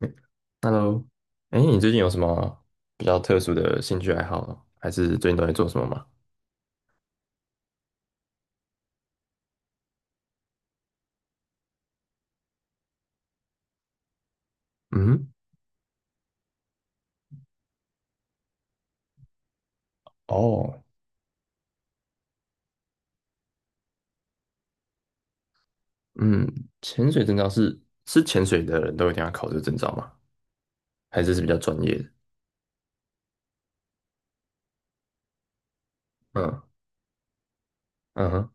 嗯， Hello。哎，你最近有什么比较特殊的兴趣爱好呢，还是最近都在做什么吗？嗯，哦，嗯，潜水证照是潜水的人都一定要考这个证照吗？还是是比较专业的？嗯，嗯哼，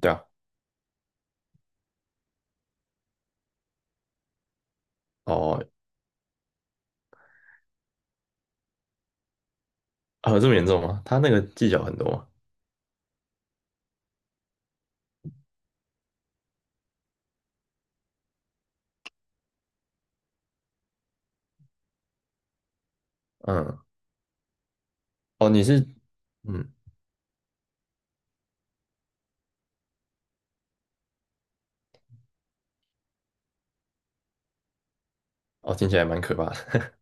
对啊，哦。啊，这么严重吗？他那个技巧很多吗？嗯，哦，你是，嗯，哦，听起来蛮可怕的。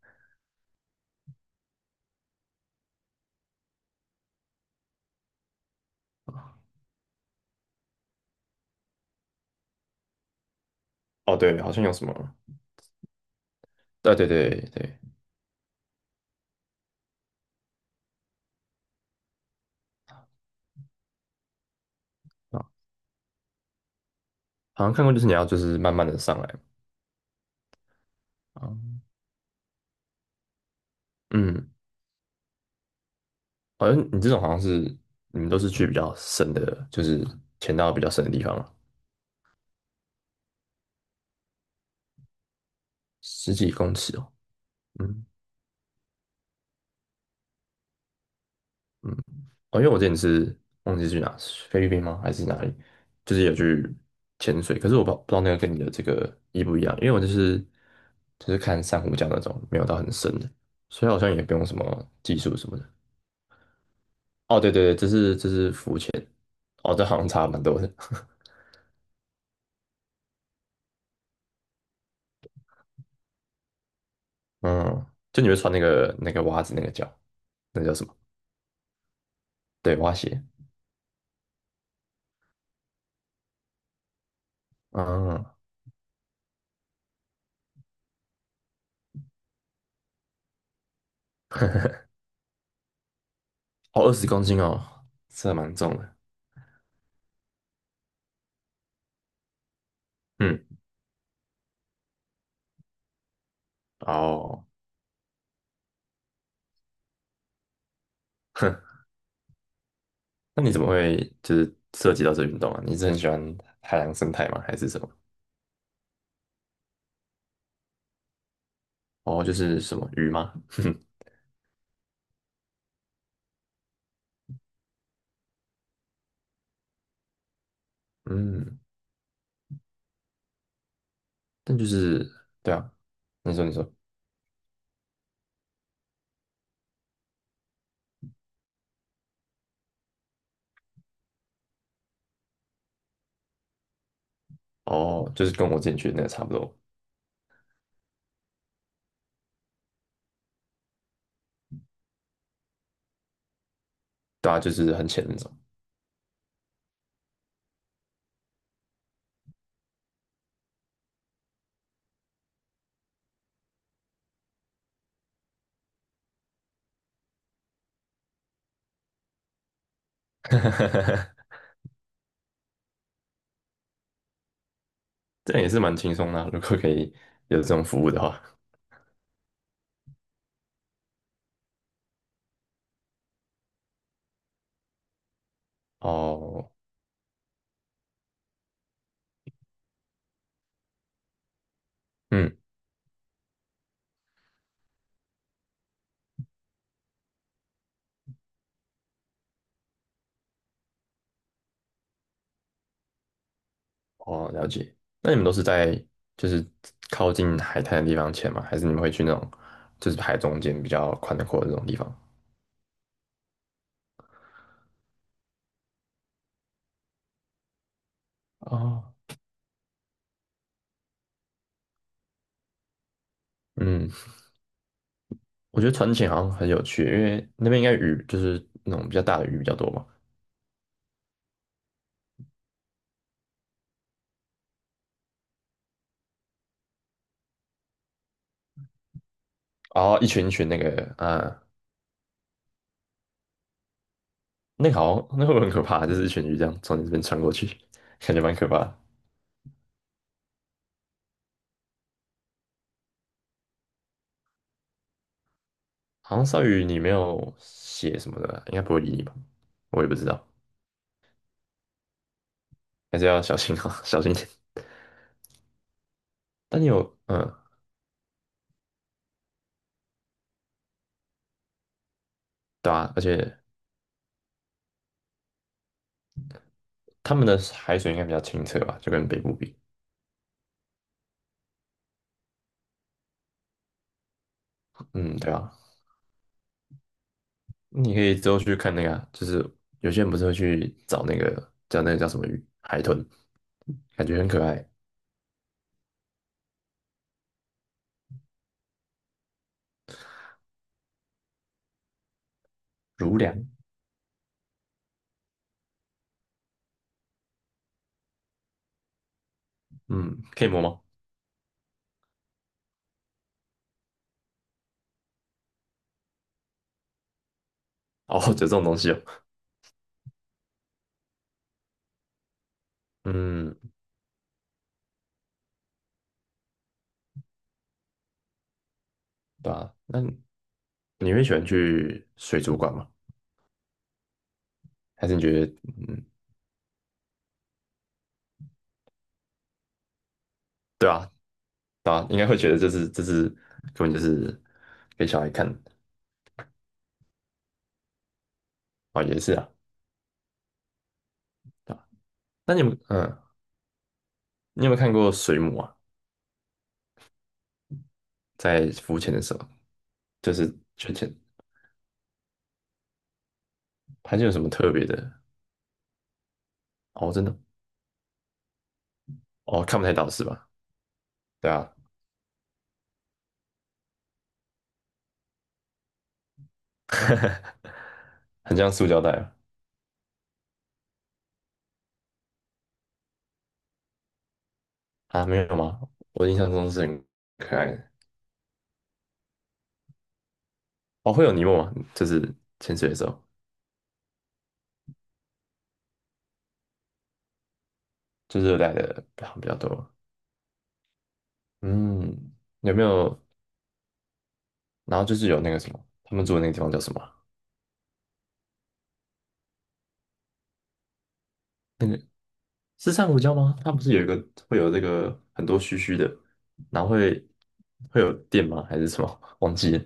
哦，对，好像有什么，对对对对，啊，好像看过，就是你要就是慢慢的上来嘛。啊，嗯，好像你这种好像是你们都是去比较深的，就是潜到比较深的地方嘛，十几公尺哦。嗯，嗯，哦，因为我之前是忘记去哪，菲律宾吗？还是哪里？就是有去潜水，可是我不知道那个跟你的这个一不一样，因为我就是看珊瑚礁那种，没有到很深的，所以好像也不用什么技术什么的。哦，对对对，这是浮潜，哦，这好像差蛮多的。嗯，就你会穿那个袜子那个脚，那叫什么？对，蛙鞋。嗯，哦，20公斤哦，这蛮重的。嗯，哦，哼，那你怎么会就是涉及到这运动啊？你是很喜欢海洋生态吗？还是什么？哦，就是什么鱼吗？嗯，但就是对啊，你说你说，哦，就是跟我之前去的那个差不多，对啊，就是很浅那种。这样也是蛮轻松的啊，如果可以有这种服务的话，哦，嗯。哦，了解。那你们都是在就是靠近海滩的地方潜吗？还是你们会去那种就是海中间比较宽的阔的那种地方？哦，嗯，我觉得船潜好像很有趣，因为那边应该鱼就是那种比较大的鱼比较多嘛，然后一群一群那个啊、那个好像那会很可怕，就是一群鱼这样从你这边穿过去。感觉蛮可怕的。好像鲨鱼你没有血什么的，应该不会理你吧？我也不知道，还是要小心啊，小心一点。但你有嗯，对啊，而且他们的海水应该比较清澈吧，就跟北部比。嗯，对啊，你可以之后去看那个啊，就是有些人不是会去找那个叫什么鱼，海豚，感觉很可爱，如梁。嗯，可以摸吗？哦，有这种东西哦。嗯，对啊，那你会喜欢去水族馆吗？还是你觉得，嗯，对啊，对啊，应该会觉得这是根本就是给小孩看的。哦，也是啊，对啊。那你有没有嗯，你有没有看过水母啊？在浮潜的时候？就是圈圈盘圈有什么特别的？哦，真的哦，看不太到是吧？对啊，很像塑胶袋啊，啊，没有吗？我印象中是很可爱的。哦，会有泥膜吗？就是潜水的时候，就是热带的比较多。嗯，有没有？然后就是有那个什么，他们住的那个地方叫什么啊，那个是珊瑚礁吗？它不是有一个会有这个很多须须的，然后会有电吗？还是什么？忘记了。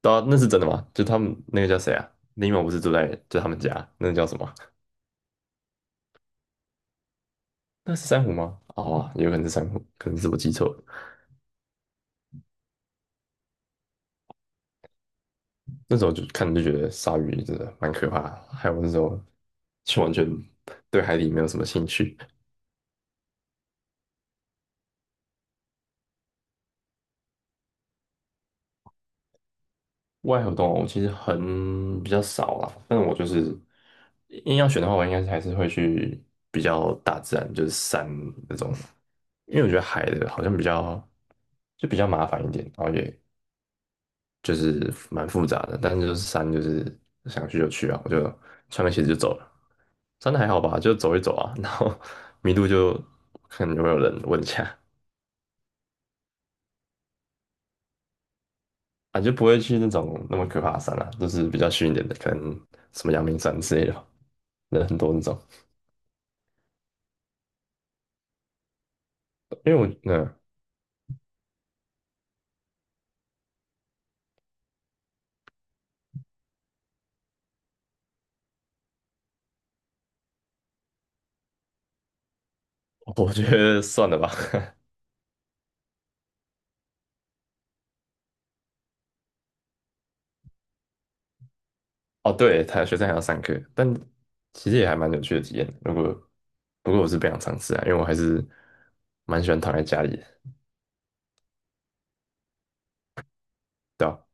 到啊，那是真的吗？就他们那个叫谁啊？林某不是住在就他们家，那个叫什么？那是珊瑚吗？哦啊，有可能是珊瑚，可能是我记错了。那时候就看就觉得鲨鱼真的蛮可怕的，还有那时候就完全对海里没有什么兴趣。外河动物其实很比较少啦，但是我就是硬要选的话，我应该还是会去比较大自然，就是山那种，因为我觉得海的好像比较就比较麻烦一点，然后也就是蛮复杂的，但是就是山就是想去就去啊，我就穿个鞋子就走了。山还好吧，就走一走啊，然后迷路就看有没有人问一下啊，就不会去那种那么可怕的山了，就是比较虚一点的，可能什么阳明山之类的吧，人很多那种。因为我嗯，我觉得算了吧。哦，对，他学生还要上课，但其实也还蛮有趣的体验。不过我是不想尝试啊，因为我还是蛮喜欢躺在家里的，对吧？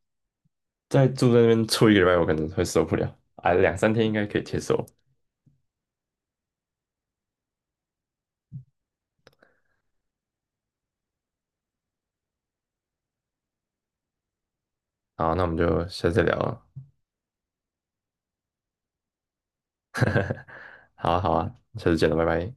再住在那边住一个礼拜，我可能会受不了啊，两三天应该可以接受。好，那我们就下次再聊了。好啊，好啊，下次见了，拜拜。